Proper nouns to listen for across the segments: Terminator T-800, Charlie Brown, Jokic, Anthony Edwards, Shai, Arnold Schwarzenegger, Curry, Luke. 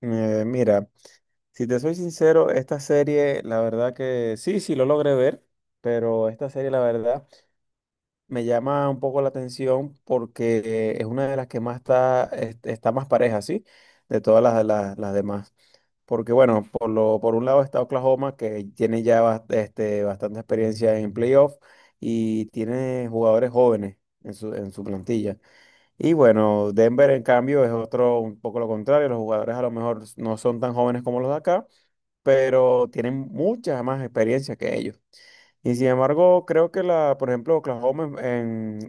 Mira, si te soy sincero, esta serie, la verdad que sí, sí lo logré ver, pero esta serie, la verdad, me llama un poco la atención porque es una de las que más está más pareja, ¿sí? De todas las demás. Porque bueno, por un lado está Oklahoma, que tiene ya bastante experiencia en playoff y tiene jugadores jóvenes en su plantilla. Y bueno, Denver en cambio es otro un poco lo contrario, los jugadores a lo mejor no son tan jóvenes como los de acá, pero tienen muchas más experiencia que ellos. Y sin embargo, creo que por ejemplo, Oklahoma en,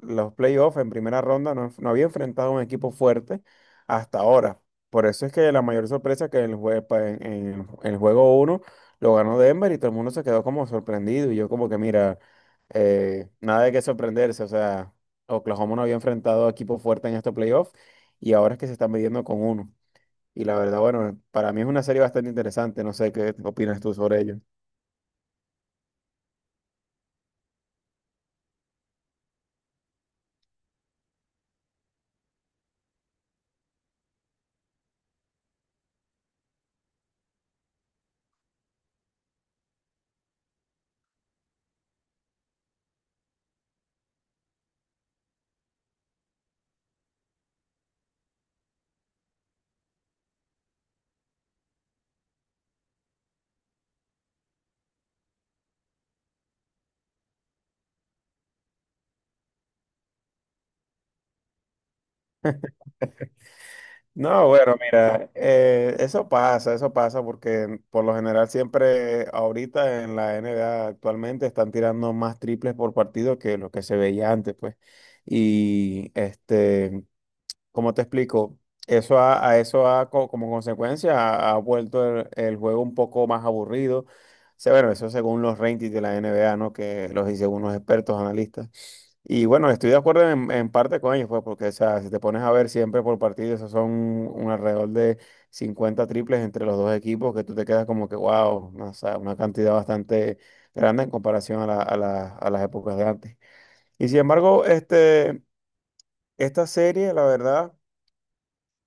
en los playoffs, en primera ronda, no, no había enfrentado a un equipo fuerte hasta ahora. Por eso es que la mayor sorpresa que en el, jue- pa- en- el juego uno lo ganó Denver y todo el mundo se quedó como sorprendido. Y yo como que, mira, nada de qué sorprenderse. O sea, Oklahoma no había enfrentado a equipo fuerte en estos playoffs y ahora es que se están midiendo con uno. Y la verdad, bueno, para mí es una serie bastante interesante. No sé qué opinas tú sobre ello. No, bueno, mira, eso pasa porque por lo general siempre ahorita en la NBA actualmente están tirando más triples por partido que lo que se veía antes, pues. Y ¿cómo te explico? Eso ha- a, eso ha, co- como consecuencia ha vuelto el juego un poco más aburrido. O sea, bueno, eso según los ratings de la NBA, ¿no? Que los dice unos expertos analistas. Y bueno, estoy de acuerdo en parte con ellos, pues, porque o sea, si te pones a ver siempre por partido, esos son un alrededor de 50 triples entre los dos equipos, que tú te quedas como que, wow, o sea, una cantidad bastante grande en comparación a las épocas de antes. Y sin embargo, esta serie, la verdad,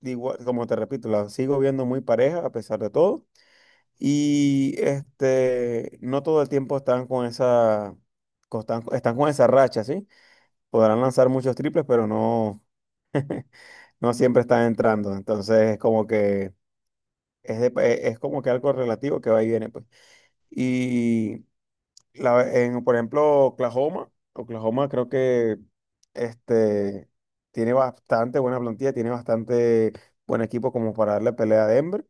igual, como te repito, la sigo viendo muy pareja a pesar de todo. Y no todo el tiempo están están con esa racha, ¿sí? Podrán lanzar muchos triples, pero no. No siempre están entrando, entonces es como que es como que algo relativo que va y viene, pues. Y por ejemplo, Oklahoma creo que este, tiene bastante buena plantilla, tiene bastante buen equipo como para darle pelea a Denver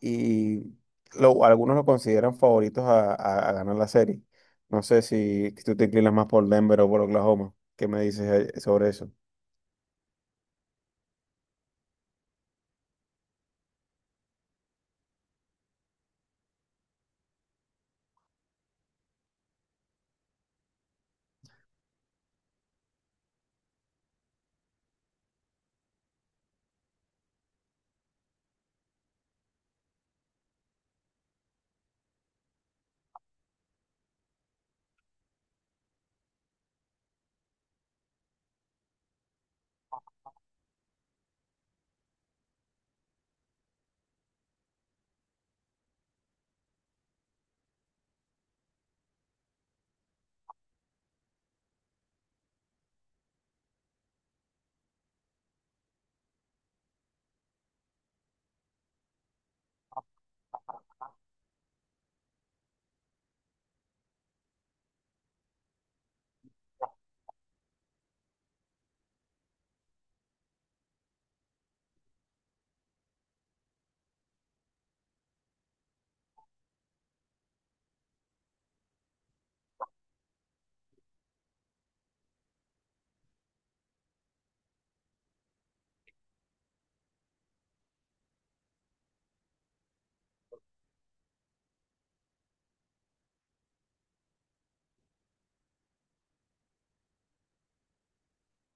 y algunos lo consideran favoritos a ganar la serie. No sé si tú te inclinas más por Denver o por Oklahoma. ¿Qué me dices sobre eso?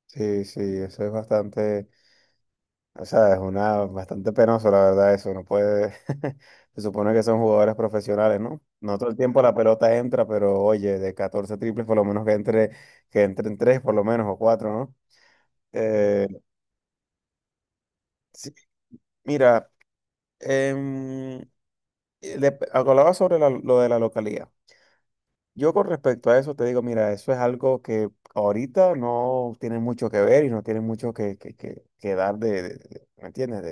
Sí, sí, eso es bastante. O sea, es una bastante penoso, la verdad, eso. No puede. Se supone que son jugadores profesionales, ¿no? No todo el tiempo la pelota entra, pero oye, de 14 triples, por lo menos que entre, que entren tres, por lo menos, o cuatro, ¿no? Eh, sí, mira, em, hablaba sobre lo de la localidad. Yo con respecto a eso te digo, mira, eso es algo que ahorita no tiene mucho que ver y no tiene mucho que dar ¿me entiendes?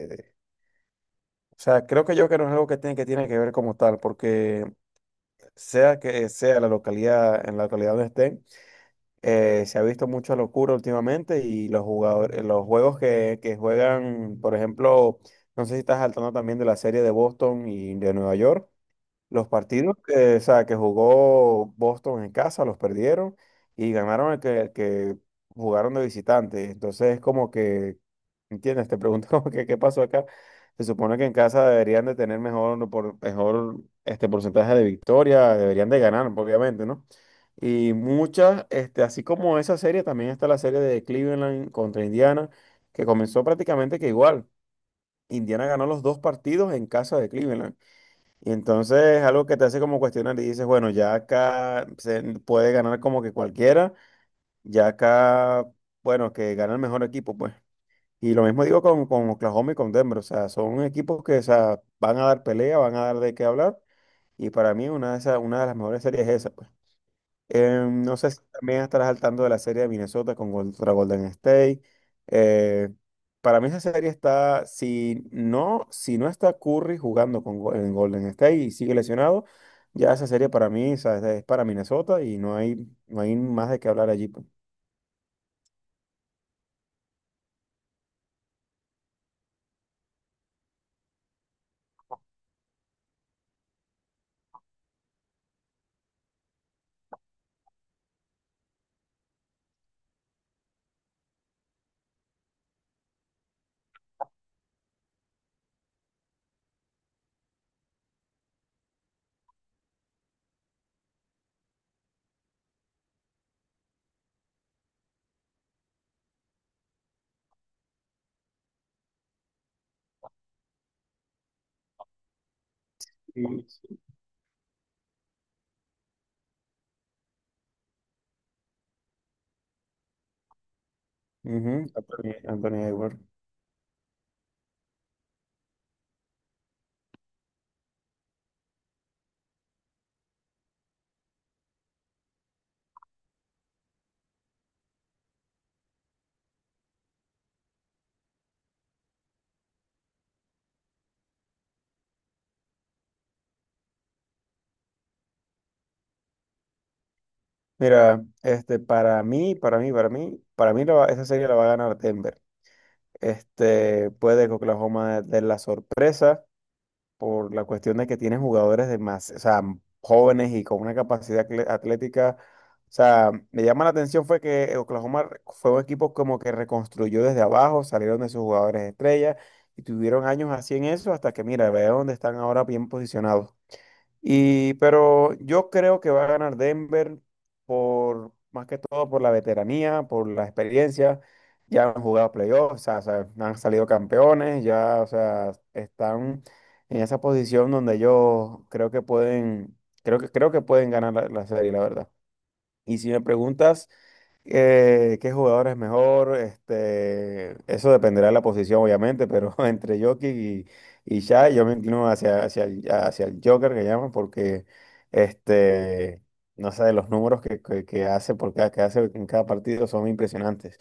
O sea, creo que yo que no es algo que tiene que ver como tal, porque sea que sea la localidad, en la localidad donde estén, se ha visto mucha locura últimamente y los jugadores, los juegos que juegan, por ejemplo, no sé si estás saltando también de la serie de Boston y de Nueva York, los partidos que, o sea, que jugó Boston en casa los perdieron y ganaron el que jugaron de visitante. Entonces es como que, ¿entiendes? Te pregunto como que qué pasó acá. Se supone que en casa deberían de tener mejor este porcentaje de victoria, deberían de ganar, obviamente, ¿no? Y así como esa serie, también está la serie de Cleveland contra Indiana, que comenzó prácticamente que igual. Indiana ganó los dos partidos en casa de Cleveland. Y entonces es algo que te hace como cuestionar y dices, bueno, ya acá se puede ganar como que cualquiera, ya acá, bueno, que gana el mejor equipo, pues. Y lo mismo digo con Oklahoma y con Denver, o sea, son equipos que, o sea, van a dar pelea, van a dar de qué hablar, y para mí una de esas, una de las mejores series es esa, pues. No sé si también estarás al tanto de la serie de Minnesota contra Golden State. Eh, para mí esa serie está, si no está Curry jugando en Golden State y sigue lesionado, ya esa serie para mí, o sea, es para Minnesota y no hay más de qué hablar allí, pues. Y- Ujú. Anthony Edwards. Mira, para mí esa serie la va a ganar Denver. Puede que Oklahoma dé la sorpresa. Por la cuestión de que tienen jugadores de más, o sea, jóvenes y con una capacidad atlética. O sea, me llama la atención fue que Oklahoma fue un equipo como que reconstruyó desde abajo, salieron de sus jugadores estrella y tuvieron años así en eso hasta que, mira, ve dónde están ahora bien posicionados. Pero yo creo que va a ganar Denver más que todo por la veteranía, por la experiencia. Ya han jugado playoffs, o sea, han salido campeones, ya, o sea, están en esa posición donde ellos creo que pueden ganar la serie, la verdad. Y si me preguntas qué jugador es mejor, eso dependerá de la posición, obviamente, pero entre Jokic y Shai, yo me inclino hacia el Joker que llaman, porque este, no sé, los números que hace que hace en cada partido son impresionantes.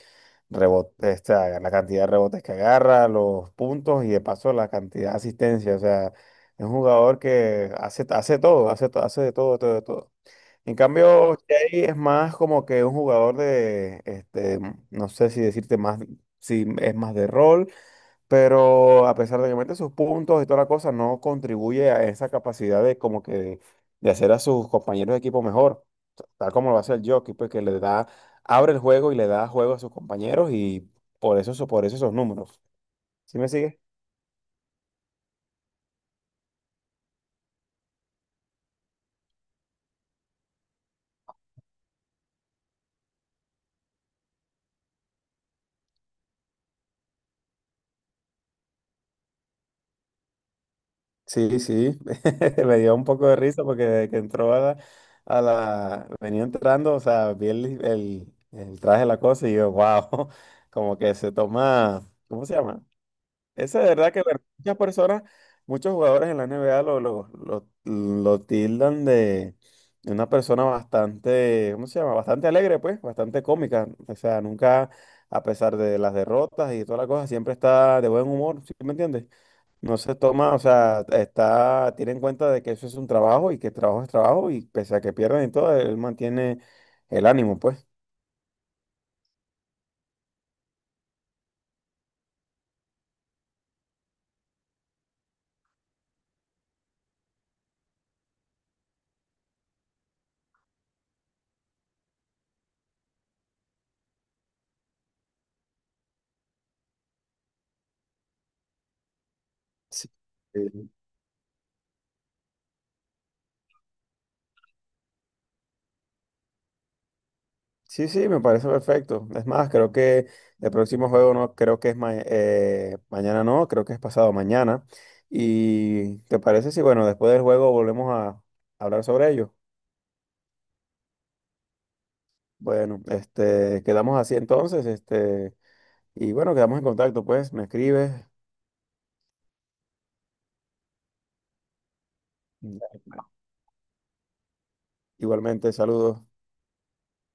Rebote, la cantidad de rebotes que agarra, los puntos y de paso la cantidad de asistencia. O sea, es un jugador que hace de todo, de todo, de todo. En cambio, Jay es más como que un jugador no sé si decirte más, si es más de rol, pero a pesar de que mete sus puntos y toda la cosa, no contribuye a esa capacidad de como que de hacer a sus compañeros de equipo mejor, tal como lo hace el Jokic, pues que le da, abre el juego y le da juego a sus compañeros y por eso esos números. ¿Sí me sigue? Sí, sí, me dio un poco de risa porque desde que entró a venía entrando, o sea, vi el traje de la cosa y yo, wow, como que se toma, ¿cómo se llama? Ese de verdad que muchas personas, muchos jugadores en la NBA lo tildan de una persona bastante, ¿cómo se llama? Bastante alegre, pues, bastante cómica, o sea, nunca, a pesar de las derrotas y toda la cosa, siempre está de buen humor, ¿sí me entiendes? No se toma, o sea, tiene en cuenta de que eso es un trabajo y que el trabajo es trabajo y pese a que pierdan y todo, él mantiene el ánimo, pues. Sí. Eh, Sí, sí, me parece perfecto. Es más, creo que el próximo juego no creo que es mañana, no, creo que es pasado mañana. ¿Y te parece si, bueno, después del juego volvemos a hablar sobre ello? Bueno, quedamos así entonces, y bueno, quedamos en contacto, pues, me escribes. Igualmente, saludos.